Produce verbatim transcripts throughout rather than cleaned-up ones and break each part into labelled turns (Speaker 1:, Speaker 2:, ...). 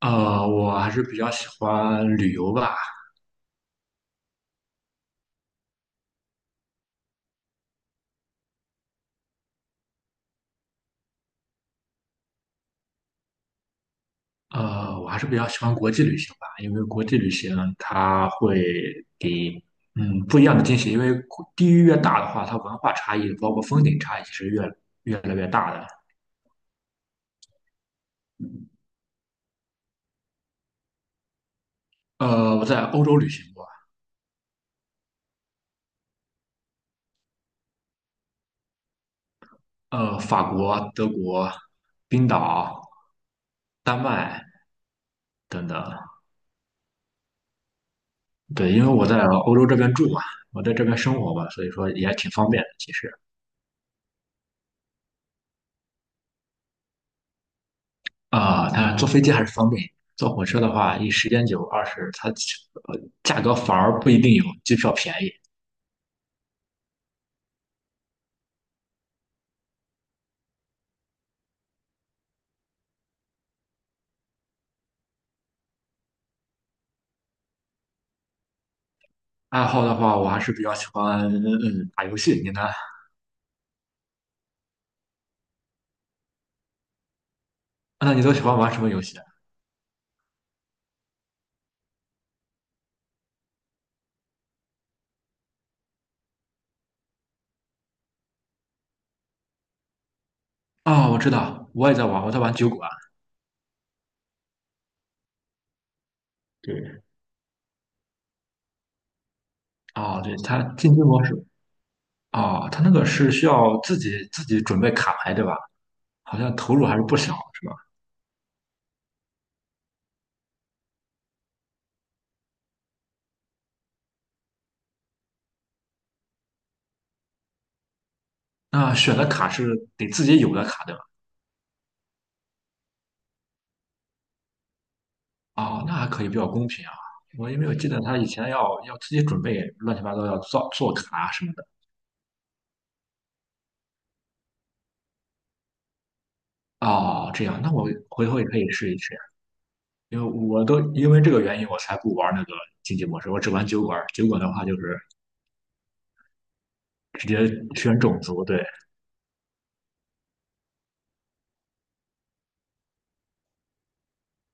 Speaker 1: 呃，我还是比较喜欢旅游吧，呃，我还是比较喜欢国际旅行吧，因为国际旅行它会给嗯不一样的惊喜，因为地域越大的话，它文化差异包括风景差异是越越来越大的。呃，我在欧洲旅行过，呃，法国、德国、冰岛、丹麦等等，对，因为我在欧洲这边住嘛，我在这边生活嘛，所以说也挺方便的，其实。啊，它坐飞机还是方便，坐火车的话，一时间久，二是它呃价格反而不一定有机票便宜。爱好的话，我还是比较喜欢嗯嗯打游戏。你呢？啊那你都喜欢玩什么游戏啊？啊，我知道，我也在玩，我在玩酒馆。对，哦，对，它竞技模式，哦，它那个是需要自己自己准备卡牌，对吧？好像投入还是不小，是吧？那选的卡是得自己有的卡，对吧？哦，那还可以比较公平啊。我因为我记得他以前要要自己准备乱七八糟要造做卡什么的。哦，这样，那我回头也可以试一试，因为我都因为这个原因我才不玩那个竞技模式，我只玩酒馆。酒馆的话就是直接选种族，对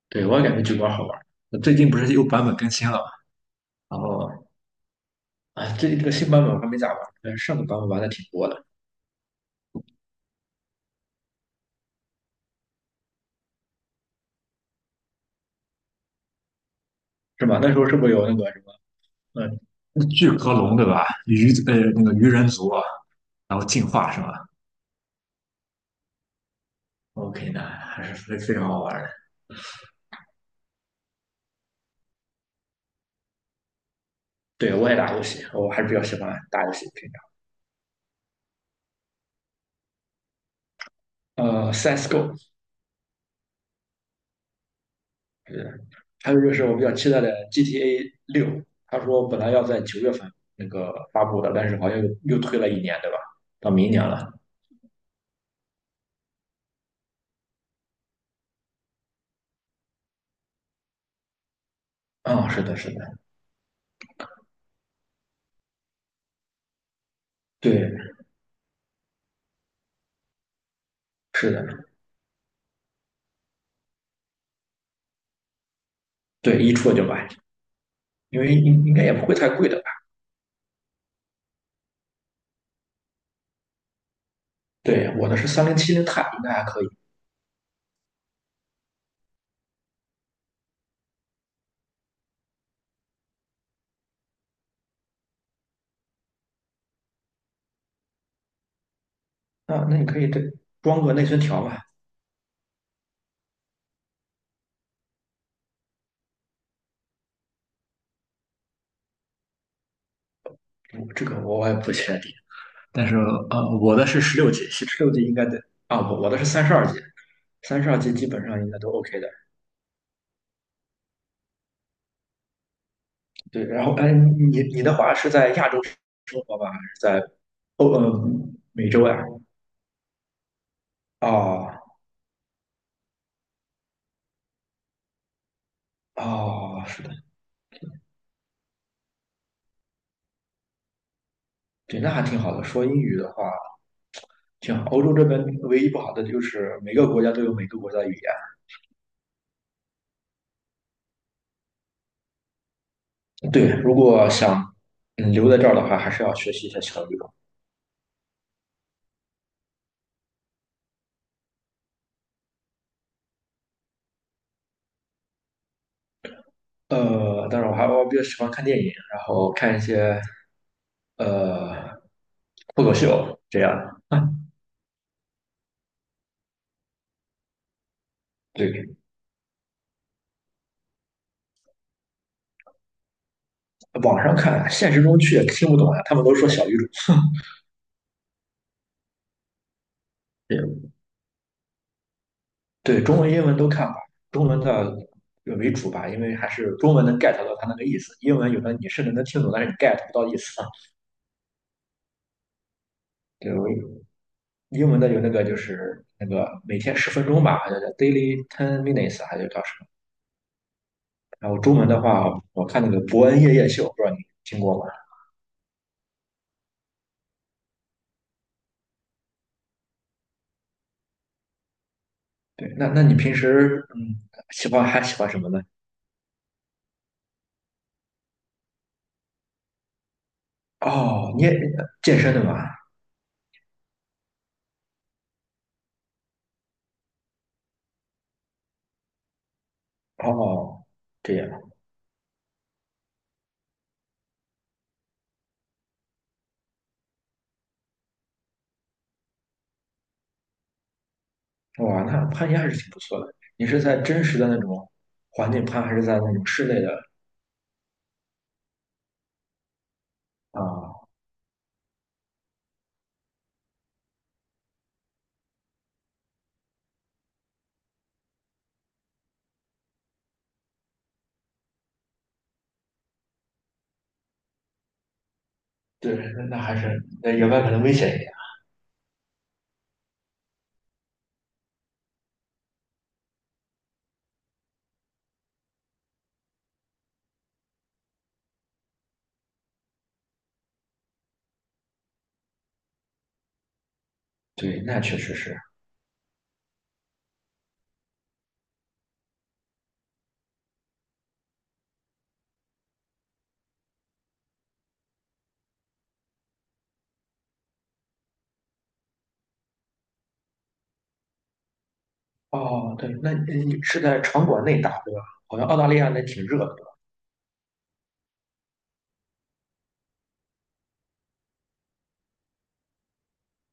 Speaker 1: 对，我也感觉酒馆好玩。最近不是又版本更新了嘛，然后哎，最近这个新版本我还没咋玩，但是上个版本玩的挺多的，是吧？那时候是不是有那个什么，嗯，巨壳龙对吧？鱼呃那个鱼人族，然后进化是吧？OK，那还是非非常好玩的。对，我也打游戏，我还是比较喜欢打游戏。平常，呃，C S:G O，对，还有就是我比较期待的 G T A 六，他说本来要在九月份那个发布的，但是好像又又推了一年，对吧？到明年了。啊，是的，是的，对，是的，对，一出了就买，因为应应该也不会太贵的吧？对，我的是三零七零钛，应该还可以。啊，那你可以这装个内存条吧？我这个我也不确定。但是呃，我的是十六级，十六级应该得啊，我我的是三十二级，三十二级基本上应该都 OK 的。对，然后哎，你你的话是在亚洲生活吧，还是在欧呃美洲呀？哦哦，是的，对，那还挺好的。说英语的话，挺好。欧洲这边唯一不好的就是每个国家都有每个国家的语言。对，如果想嗯留在这儿的话，还是要学习一下小语种。呃，当然我还我比较喜欢看电影，然后看一些呃脱口秀这样的。对，网上看，现实中去也听不懂呀，他们都说小语种。也对，对中文、英文都看吧，中文的为主吧，因为还是中文能 get 到它那个意思，英文有的你甚至能听懂，但是你 get 不到意思啊。对，我英文的有那个就是那个每天十分钟吧，好像叫 daily ten minutes，还是叫什么？然后中文的话，我看那个《伯恩夜夜秀》，不知道你听过吗？对，那那你平时嗯喜欢还喜欢什么呢？哦，你也健身的嘛？哦，这样，哇，那攀岩还是挺不错的。你是在真实的那种环境攀，还是在那种室内的啊？对，那那还是那野外可能危险一点。对，那确实是。哦，对，那你你是在场馆内打对吧？好像澳大利亚那挺热的，对吧？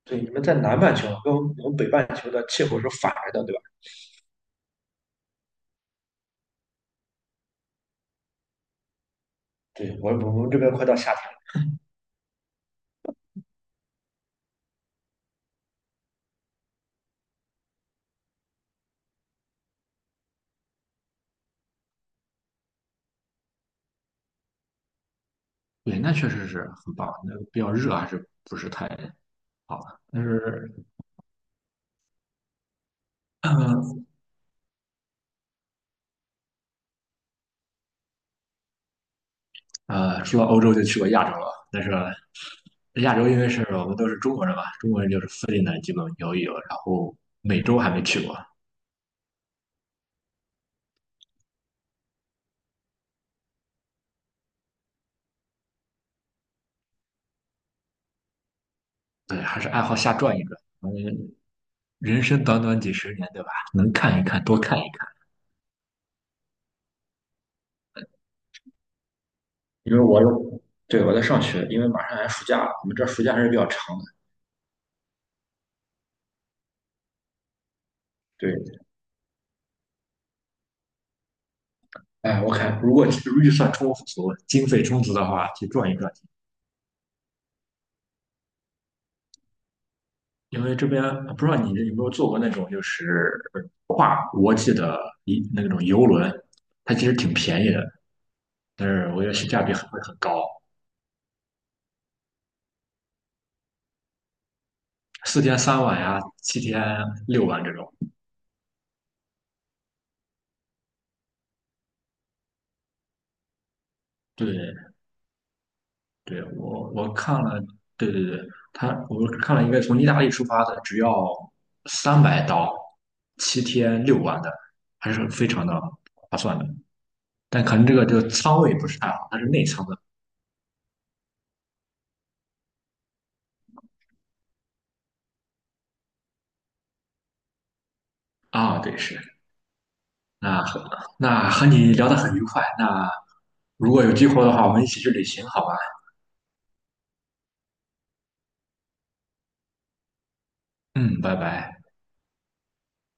Speaker 1: 对，你们在南半球跟我们北半球的气候是反着的，对吧？对，我我们这边快到夏天了。对，那确实是很棒，那比较热还是不是太好。但是，嗯呃，说到欧洲就去过亚洲了，但是亚洲因为是我们都是中国人嘛，中国人就是附近的基本游一游，然后美洲还没去过，对，还是爱好瞎转一转。反人生短短几十年，对吧？能看一看，多看一看。因为我有，对，我在上学，因为马上要暑假了，我们这暑假还是比较长的。对，哎，我看如果预算充足、经费充足的话，去转一转。因为这边不知道你有没有坐过那种就是跨国际的一那种游轮，它其实挺便宜的，但是我觉得性价比很会很高，四天三晚呀，七天六晚这种。对对，我我看了，对对对，他我看了一个从意大利出发的，只要三百刀，七天六晚的，还是非常的划算的。但可能这个就仓位不是太好，它是内仓的啊，对，是。那和那和你聊得很愉快，那如果有机会的话，我们一起去旅行，好吧？嗯，拜拜。